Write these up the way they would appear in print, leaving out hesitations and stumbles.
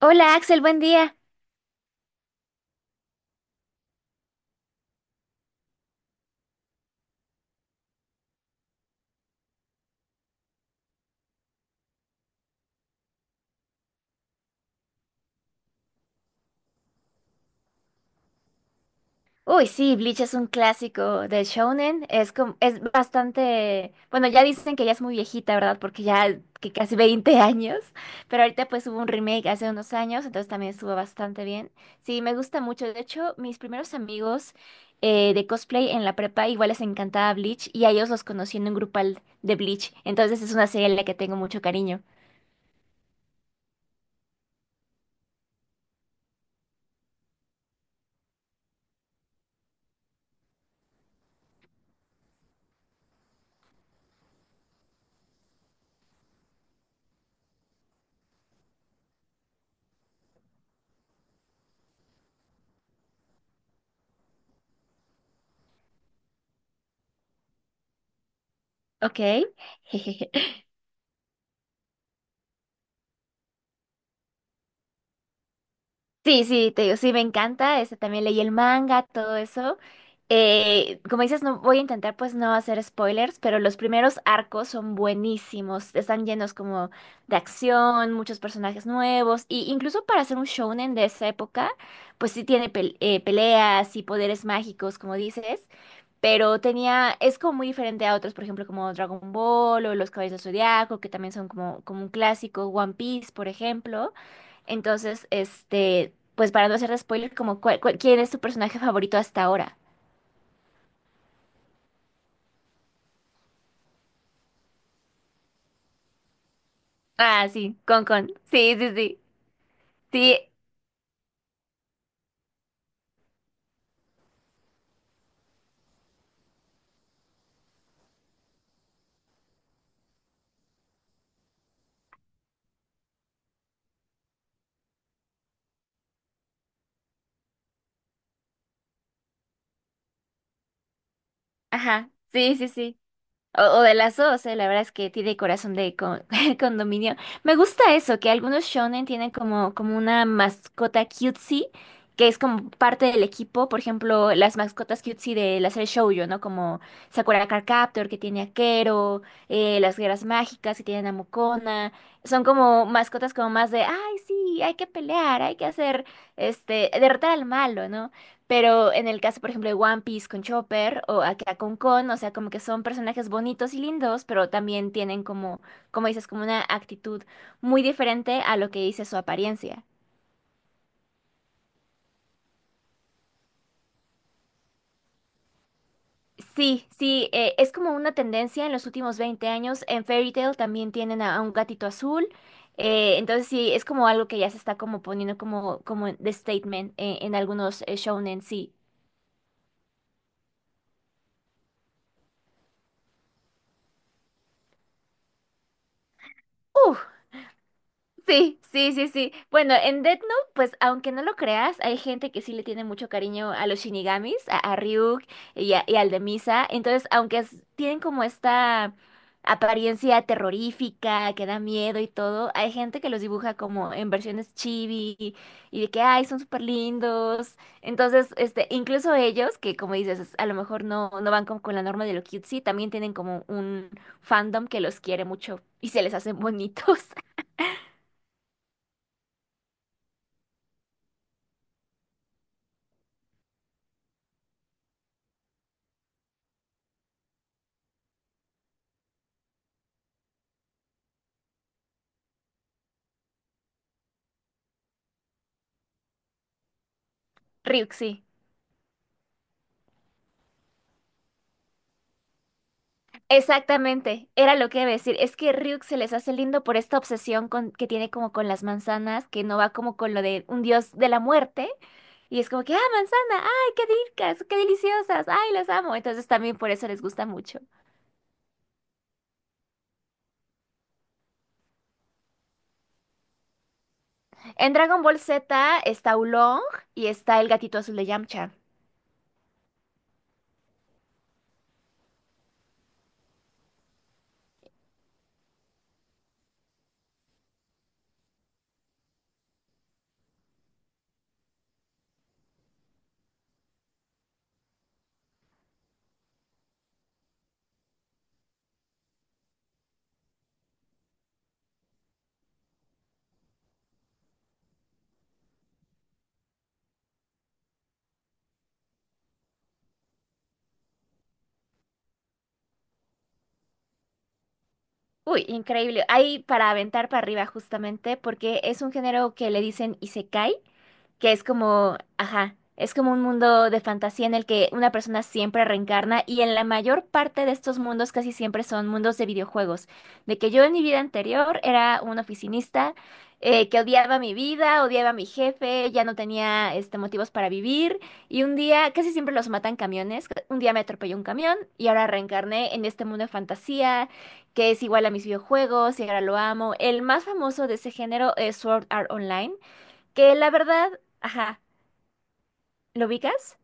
Hola Axel, buen día. Uy, sí, Bleach es un clásico de shounen, es como, es bastante, bueno, ya dicen que ya es muy viejita, ¿verdad? Porque ya que casi 20 años, pero ahorita pues hubo un remake hace unos años, entonces también estuvo bastante bien. Sí, me gusta mucho. De hecho, mis primeros amigos de cosplay en la prepa igual les encantaba Bleach y a ellos los conocí en un grupal de Bleach, entonces es una serie a la que tengo mucho cariño. Ok. Sí, sí, te digo, sí, me encanta. Este, también leí el manga, todo eso. Como dices, no voy a intentar pues no hacer spoilers, pero los primeros arcos son buenísimos. Están llenos como de acción, muchos personajes nuevos. Y incluso para hacer un shounen de esa época, pues sí tiene peleas y poderes mágicos, como dices, pero tenía, es como muy diferente a otros, por ejemplo, como Dragon Ball o Los Caballeros del Zodiaco, que también son como, como un clásico, One Piece, por ejemplo. Entonces, este, pues para no hacer spoiler, como ¿quién es tu personaje favorito hasta ahora? Ah, sí, Con Con. Sí, sí, sí. Sí, ajá. Sí, sí, sí. O de las dos, la verdad es que tiene corazón de condominio. Me gusta eso, que algunos shonen tienen como, como una mascota cutesy, que es como parte del equipo. Por ejemplo, las mascotas cutesy de la serie Shoujo, ¿no? Como Sakura Card Captor, que tiene a Kero, las guerras mágicas, que tienen a Mukona. Son como mascotas como más de, ay, sí, hay que pelear, hay que hacer, este, derrotar al malo, ¿no? Pero en el caso, por ejemplo, de One Piece con Chopper o acá con Kon, o sea, como que son personajes bonitos y lindos, pero también tienen como, como dices, como una actitud muy diferente a lo que dice su apariencia. Sí, sí, es como una tendencia en los últimos 20 años. En Fairy Tail también tienen a un gatito azul. Entonces sí, es como algo que ya se está como poniendo como, como de statement en algunos shounen, sí. Sí, sí, sí, sí. Bueno, en Death Note, pues aunque no lo creas, hay gente que sí le tiene mucho cariño a los Shinigamis, a Ryuk y, y al de Misa. Entonces, tienen como esta apariencia terrorífica, que da miedo y todo, hay gente que los dibuja como en versiones chibi y de que, ay, son súper lindos. Entonces, este, incluso ellos, que como dices, a lo mejor no, no van como con la norma de lo cutesy, también tienen como un fandom que los quiere mucho y se les hacen bonitos. Ryuk, sí. Exactamente, era lo que iba a decir. Es que Ryuk se les hace lindo por esta obsesión con, que tiene como con las manzanas, que no va como con lo de un dios de la muerte. Y es como que, ah, manzana, ay, qué ricas, qué deliciosas, ay, las amo. Entonces también por eso les gusta mucho. En Dragon Ball Z está Oolong y está el gatito azul de Yamcha. Uy, increíble. Hay para aventar para arriba justamente porque es un género que le dicen isekai, que es como, ajá, es como un mundo de fantasía en el que una persona siempre reencarna y en la mayor parte de estos mundos casi siempre son mundos de videojuegos. De que yo en mi vida anterior era un oficinista que odiaba mi vida, odiaba a mi jefe, ya no tenía este, motivos para vivir y un día casi siempre los matan camiones. Un día me atropelló un camión y ahora reencarné en este mundo de fantasía que es igual a mis videojuegos y ahora lo amo. El más famoso de ese género es Sword Art Online, que la verdad, ajá, ¿lo ubicas?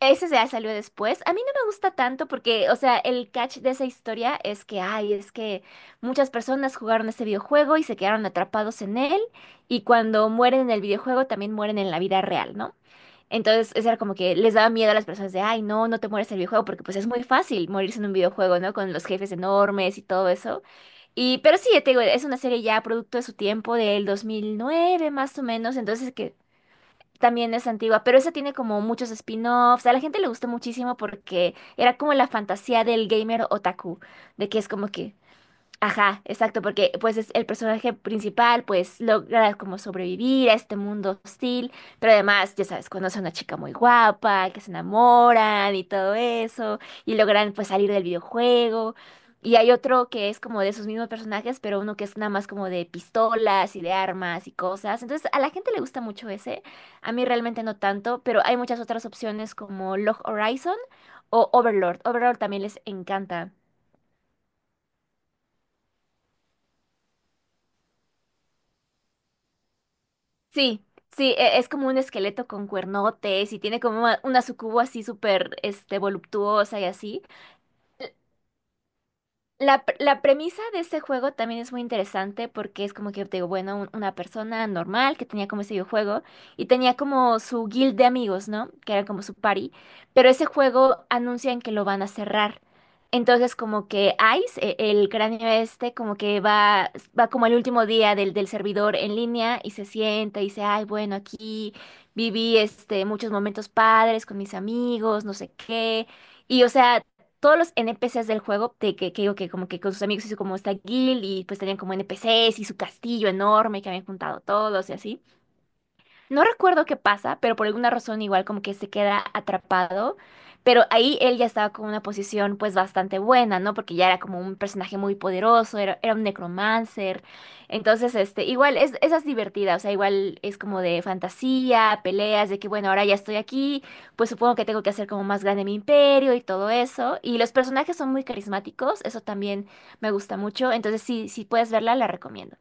Ese ya salió después. A mí no me gusta tanto porque, o sea, el catch de esa historia es que, ay, es que muchas personas jugaron ese videojuego y se quedaron atrapados en él y cuando mueren en el videojuego también mueren en la vida real, ¿no? Entonces, eso era como que les daba miedo a las personas de, ay, no, no te mueres en el videojuego, porque pues es muy fácil morirse en un videojuego, ¿no? Con los jefes enormes y todo eso. Y, pero sí, te digo, es una serie ya producto de su tiempo, del 2009 más o menos, entonces que también es antigua, pero esa tiene como muchos spin-offs, a la gente le gustó muchísimo porque era como la fantasía del gamer otaku, de que es como que, ajá, exacto, porque pues es el personaje principal, pues logra como sobrevivir a este mundo hostil, pero además, ya sabes, conoce a una chica muy guapa, que se enamoran y todo eso, y logran pues salir del videojuego. Y hay otro que es como de esos mismos personajes, pero uno que es nada más como de pistolas y de armas y cosas. Entonces, a la gente le gusta mucho ese, a mí realmente no tanto, pero hay muchas otras opciones como Log Horizon o Overlord. Overlord también les encanta. Sí, sí, es como un esqueleto con cuernotes y tiene como una sucubo así súper, este, voluptuosa y así. La, la premisa de ese juego también es muy interesante porque es como que, te digo, bueno, una persona normal que tenía como ese videojuego y tenía como su guild de amigos, ¿no? Que era como su party, pero ese juego anuncian que lo van a cerrar. Entonces como que Ice, el cráneo este, como que va, va como el último día del, del servidor en línea y se sienta y dice, ay, bueno, aquí viví este, muchos momentos padres con mis amigos, no sé qué. Y, o sea, todos los NPCs del juego, de que digo que como que con sus amigos hizo como esta guild y pues tenían como NPCs y su castillo enorme que habían juntado todos y así. No recuerdo qué pasa, pero por alguna razón igual como que se queda atrapado. Pero ahí él ya estaba con una posición pues bastante buena, ¿no? Porque ya era como un personaje muy poderoso, era, era un necromancer. Entonces, este, igual es, esa es divertida, o sea, igual es como de fantasía, peleas, de que bueno, ahora ya estoy aquí, pues supongo que tengo que hacer como más grande mi imperio y todo eso. Y los personajes son muy carismáticos, eso también me gusta mucho. Entonces, sí, si puedes verla, la recomiendo.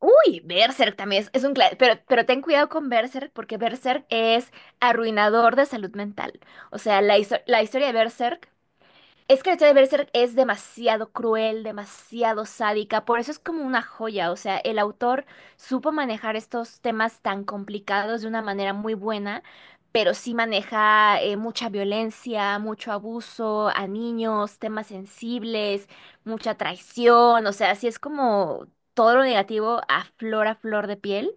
Uy, Berserk también es un clásico, pero ten cuidado con Berserk porque Berserk es arruinador de salud mental. O sea, la, la historia de Berserk es que la historia de Berserk es demasiado cruel, demasiado sádica, por eso es como una joya, o sea, el autor supo manejar estos temas tan complicados de una manera muy buena, pero sí maneja mucha violencia, mucho abuso a niños, temas sensibles, mucha traición, o sea, sí es como todo lo negativo a flor de piel.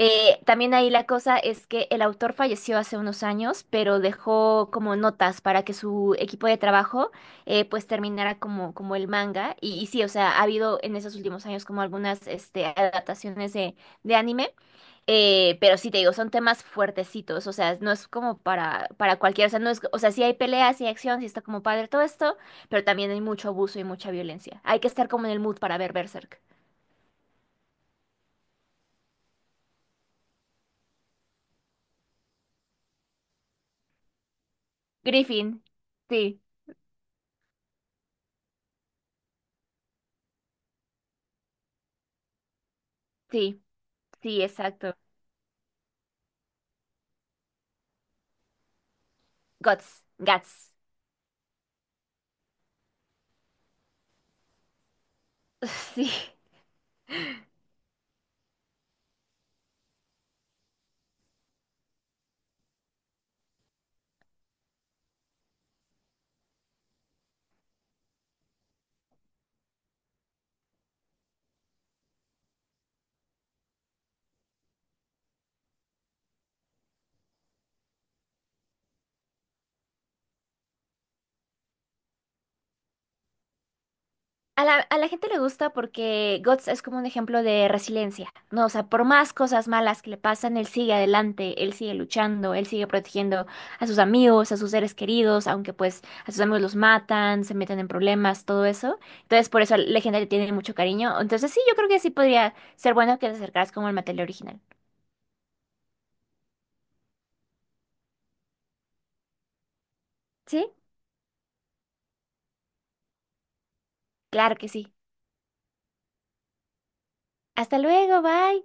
También ahí la cosa es que el autor falleció hace unos años, pero dejó como notas para que su equipo de trabajo pues terminara como, como el manga. Y sí, o sea, ha habido en esos últimos años como algunas este, adaptaciones de anime, pero sí te digo, son temas fuertecitos, o sea, no es como para cualquiera, o sea, no es, o sea, sí hay peleas, sí hay acción, sí está como padre todo esto, pero también hay mucho abuso y mucha violencia. Hay que estar como en el mood para ver Berserk. Griffin, sí, sí, sí, exacto. Guts, Guts. Sí. A la gente le gusta porque Guts es como un ejemplo de resiliencia, ¿no? O sea, por más cosas malas que le pasan, él sigue adelante, él sigue luchando, él sigue protegiendo a sus amigos, a sus seres queridos, aunque pues a sus amigos los matan, se meten en problemas, todo eso. Entonces, por eso la gente le tiene mucho cariño. Entonces, sí, yo creo que sí podría ser bueno que te acercaras como el material original. ¿Sí? Claro que sí. Hasta luego, bye.